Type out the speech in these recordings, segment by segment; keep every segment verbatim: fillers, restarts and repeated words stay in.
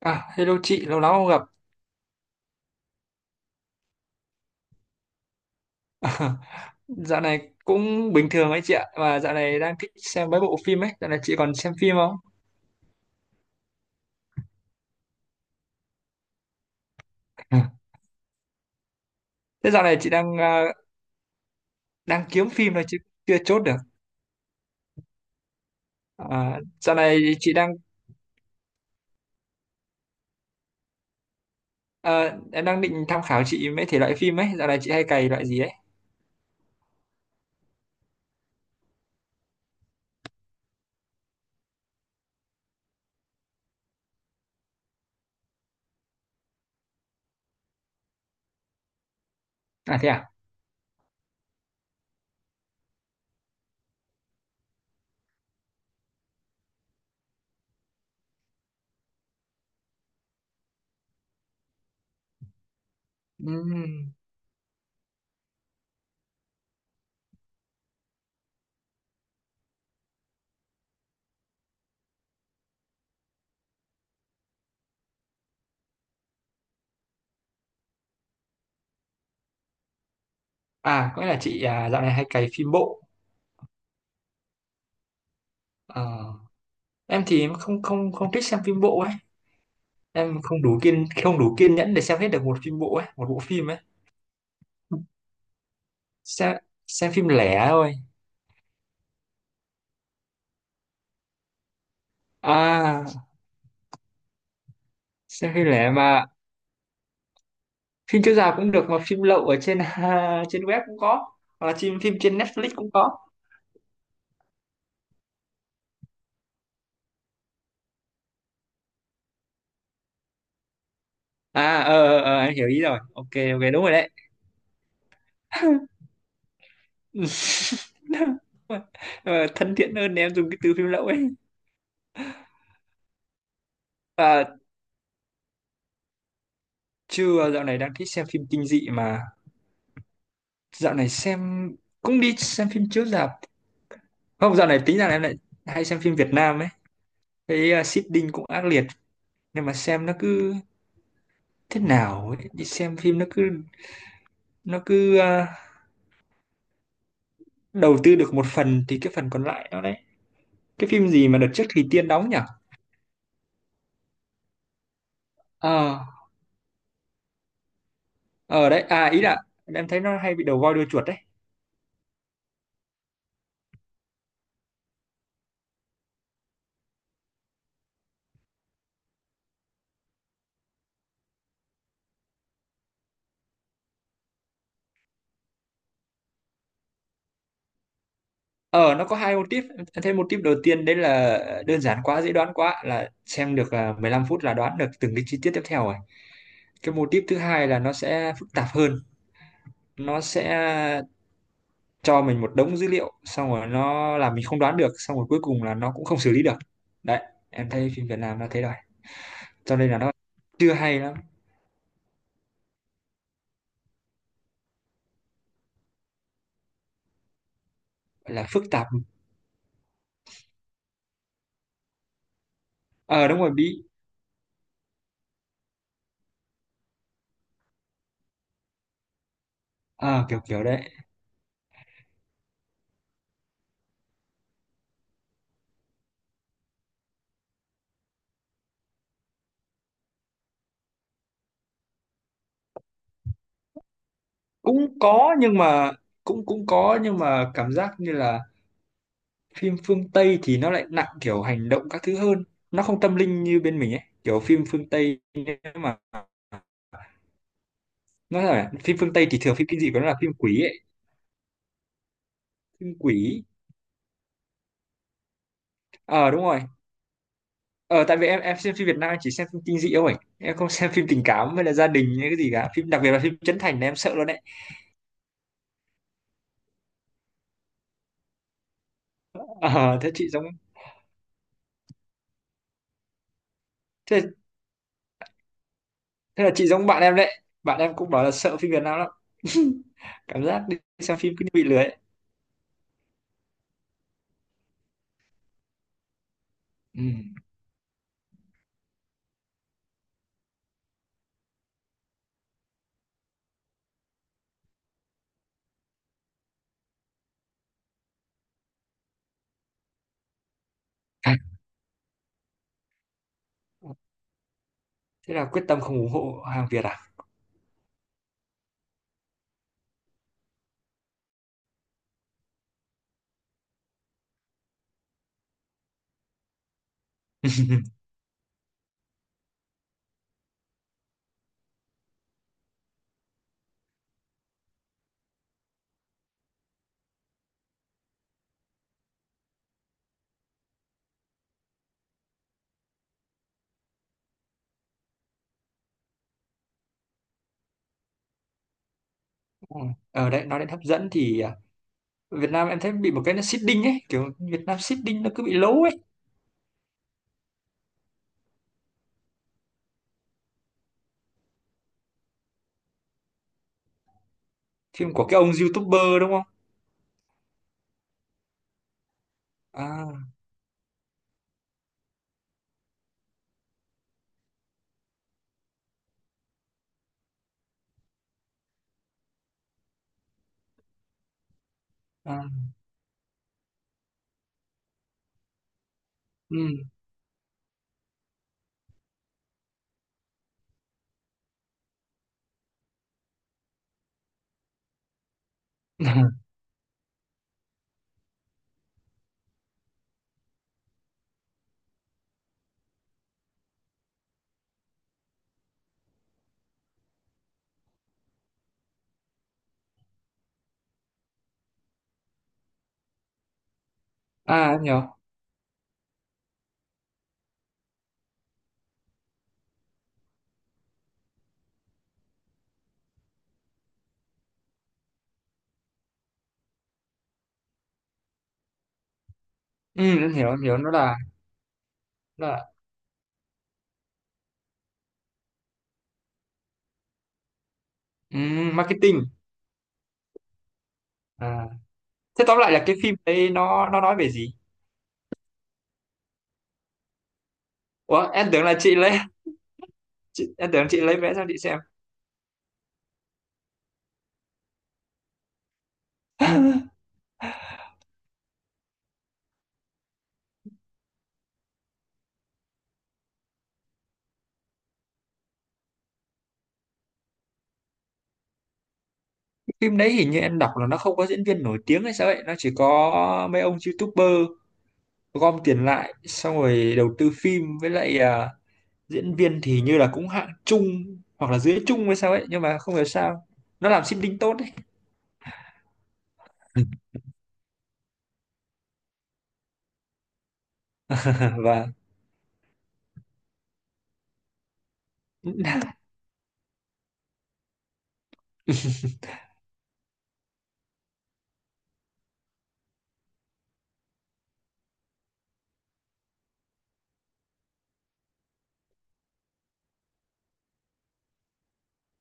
À, hello chị, lâu lắm không gặp. Dạo này cũng bình thường ấy chị ạ, và dạo này đang thích xem mấy bộ phim ấy, dạo này chị còn xem phim không? Ừ. Thế dạo này chị đang à, đang kiếm phim thôi chứ chưa chốt được. À, dạo này chị đang à, Em đang định tham khảo chị mấy thể loại phim ấy, dạo này chị hay cày loại gì ấy? À, thế à? Ừm. À, có nghĩa là chị à, dạo này hay cày phim bộ. Ờ, em thì em không không không thích xem phim bộ ấy, em không đủ kiên không đủ kiên nhẫn để xem hết được một phim bộ ấy, một bộ phim ấy. xem xem phim lẻ thôi. à xem phim lẻ mà, phim chiếu rạp cũng được mà phim lậu ở trên trên web cũng có, hoặc là phim phim trên Netflix cũng có. À ờ ờ ờ, anh hiểu ý rồi, ok. Ok, đúng rồi đấy. Ờ, thân thiện hơn để em dùng cái từ phim lậu ấy. Và chưa, dạo này đang thích xem phim kinh dị mà. Dạo này xem, cũng đi xem phim chiếu rạp. Không, dạo này tính rằng em lại hay xem phim Việt Nam ấy. Cái uh, seeding cũng ác liệt, nhưng mà xem nó cứ thế nào ấy? Đi xem phim nó cứ nó cứ à, đầu tư được một phần thì cái phần còn lại nó đấy. Cái phim gì mà đợt trước Thùy Tiên đóng nhỉ? ờ ờ Đấy à, ý là em thấy nó hay bị đầu voi đuôi chuột đấy. ờ nó có hai mô típ. Em thấy mô típ đầu tiên đấy là đơn giản quá, dễ đoán quá, là xem được à, mười lăm phút là đoán được từng cái chi tiết tiếp theo rồi. Cái mô típ thứ hai là nó sẽ phức tạp hơn, nó sẽ cho mình một đống dữ liệu xong rồi nó làm mình không đoán được, xong rồi cuối cùng là nó cũng không xử lý được. Đấy, em thấy phim Việt Nam nó thế đó. Cho nên là nó chưa hay lắm. Gọi là phức tạp. Ờ, đúng rồi, bí. Ờ, kiểu kiểu đấy. Cũng có nhưng mà cũng cũng có, nhưng mà cảm giác như là phim phương Tây thì nó lại nặng kiểu hành động các thứ hơn, nó không tâm linh như bên mình ấy, kiểu phim phương Tây nếu mà nói là phim phương Tây thì thường phim kinh dị của nó là phim quỷ ấy. Phim quỷ. Ờ, đúng rồi. Ờ, tại vì em em xem phim Việt Nam em chỉ xem phim kinh dị thôi, em không xem phim tình cảm hay là gia đình hay cái gì cả, phim đặc biệt là phim Trấn Thành là em sợ luôn đấy. Ờ, thế chị giống. Thế thế là chị giống bạn em đấy, bạn em cũng bảo là sợ phim Việt Nam lắm. Cảm giác đi xem phim cứ bị lười ấy. Ừ. Thế là quyết tâm không ủng hộ hàng Việt à? Ừ. Ở đấy nói đến hấp dẫn thì, à, Việt Nam em thấy bị một cái nó seeding ấy, kiểu Việt Nam seeding nó cứ bị lố ấy. Phim của cái ông YouTuber đúng không? À, à, ừ. À, em hiểu. Ừ, em hiểu em hiểu nó là, nó là ừ, marketing. À, thế tóm lại là cái phim đấy nó nó nói về gì? Ủa, em tưởng là chị lấy chị, em tưởng chị lấy vé cho chị xem. Phim đấy hình như em đọc là nó không có diễn viên nổi tiếng hay sao ấy, nó chỉ có mấy ông YouTuber gom tiền lại xong rồi đầu tư phim, với lại à, diễn viên thì như là cũng hạng trung hoặc là dưới trung hay sao ấy, nhưng mà không hiểu sao nó làm marketing tốt đấy. Và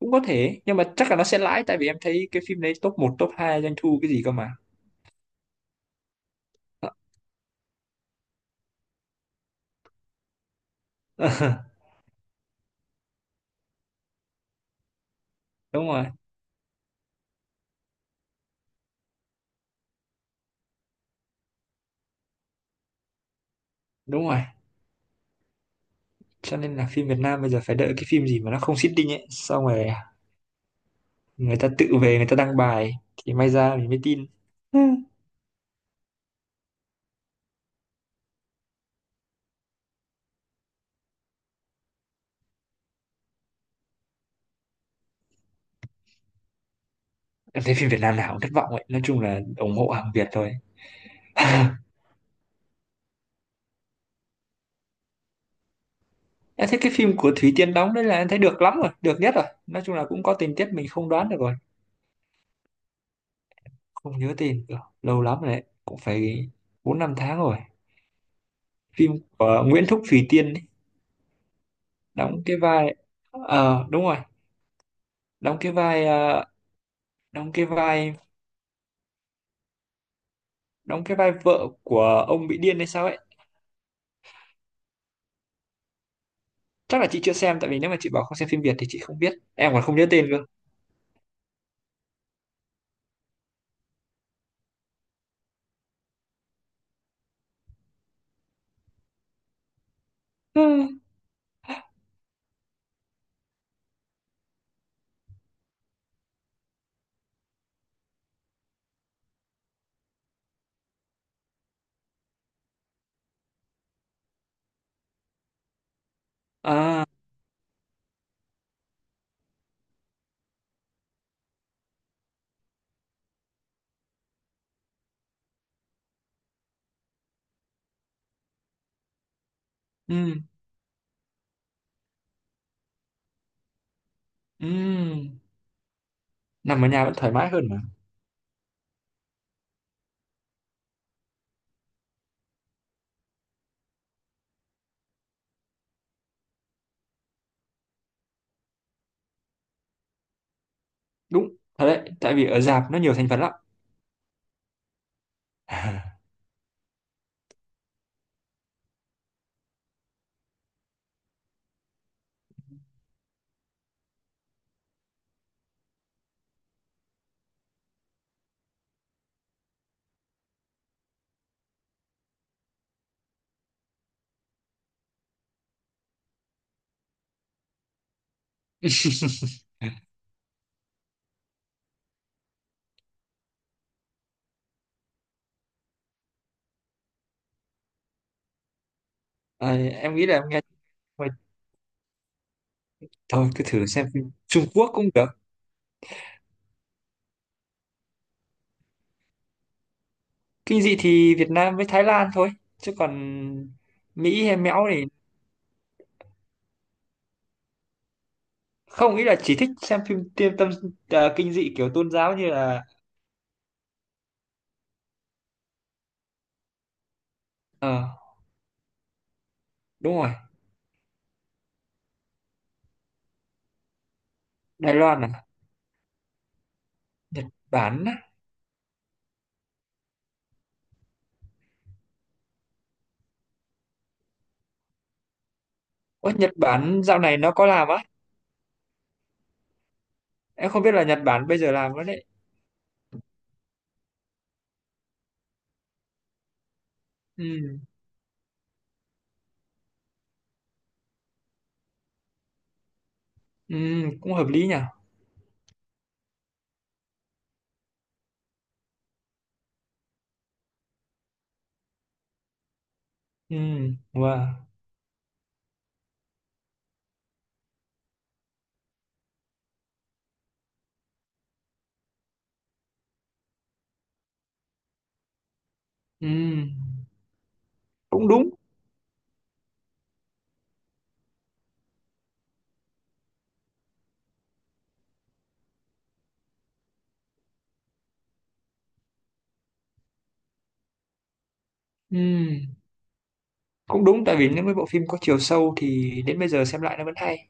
cũng có thể nhưng mà chắc là nó sẽ lãi tại vì em thấy cái phim đấy top một top hai doanh thu cái gì cơ mà. Đúng rồi. Đúng rồi. Cho nên là phim Việt Nam bây giờ phải đợi cái phim gì mà nó không marketing ấy, xong rồi người ta tự về người ta đăng bài, thì may ra mình mới tin. Ừ. Em thấy phim Việt Nam nào cũng thất vọng ấy, nói chung là ủng hộ hàng Việt thôi. Em thấy cái phim của Thúy Tiên đóng đấy là em thấy được lắm rồi, được nhất rồi, nói chung là cũng có tình tiết mình không đoán được rồi. Không nhớ tên được, lâu lắm rồi đấy, cũng phải bốn năm tháng rồi. Phim của Nguyễn Thúc Thùy Tiên ấy, đóng cái vai, ờ, đúng rồi. Đóng cái vai ờ, đóng cái vai đóng cái vai vợ của ông bị điên hay sao ấy. Chắc là chị chưa xem tại vì nếu mà chị bảo không xem phim Việt thì chị không biết, em còn không nhớ tên. à ừ, ừ. Nằm ở nhà vẫn thoải mái hơn mà. Đúng. Thật đấy, tại vì ở rạp nó nhiều thành phần lắm. Ờ, em nghĩ là em nghe. Thôi, thôi cứ thử xem phim Trung Quốc cũng được. Kinh dị thì Việt Nam với Thái Lan thôi, chứ còn Mỹ hay Mẽo thì không, nghĩ là chỉ thích xem phim tiêm tâm. Ờ, kinh dị kiểu tôn giáo như là. Ờ, đúng rồi. Đài Loan à? Nhật Bản á. Ôi, Nhật Bản dạo này nó có làm á? Em không biết là Nhật Bản bây giờ làm nữa đấy. Ừ. Ừ, cũng hợp lý nhỉ. Ừ, wow. Ừ, cũng đúng. Ừ, cũng đúng tại vì những cái bộ phim có chiều sâu thì đến bây giờ xem lại nó vẫn hay.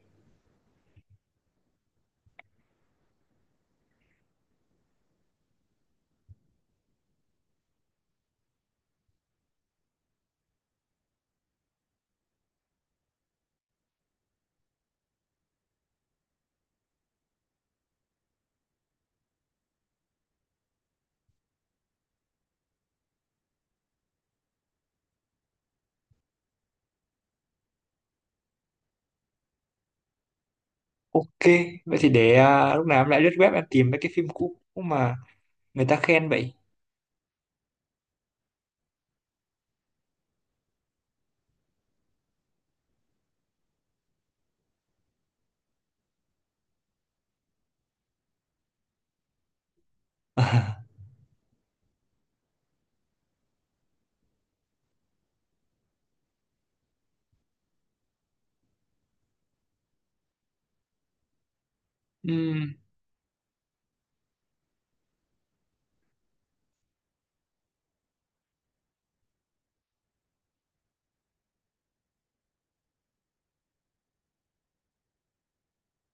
Ok, vậy thì để à, lúc nào em lại lướt web em tìm mấy cái phim cũ mà người ta khen vậy. Ừ,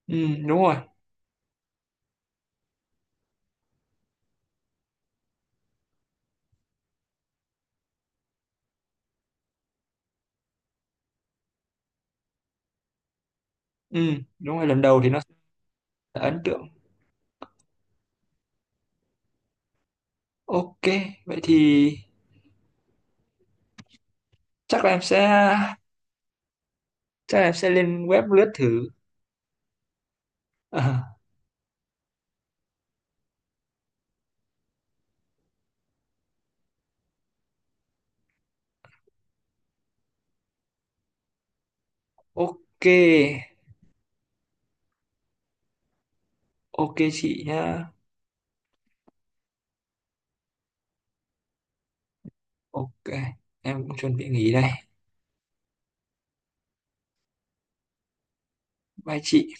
ừ, đúng rồi. Ừ, đúng rồi, lần đầu thì nó sẽ là ấn tượng. Ok, vậy thì chắc là em sẽ chắc là em sẽ lên web lướt thử. ok. Ok chị nhá. Ok, em cũng chuẩn bị nghỉ đây. Bye chị.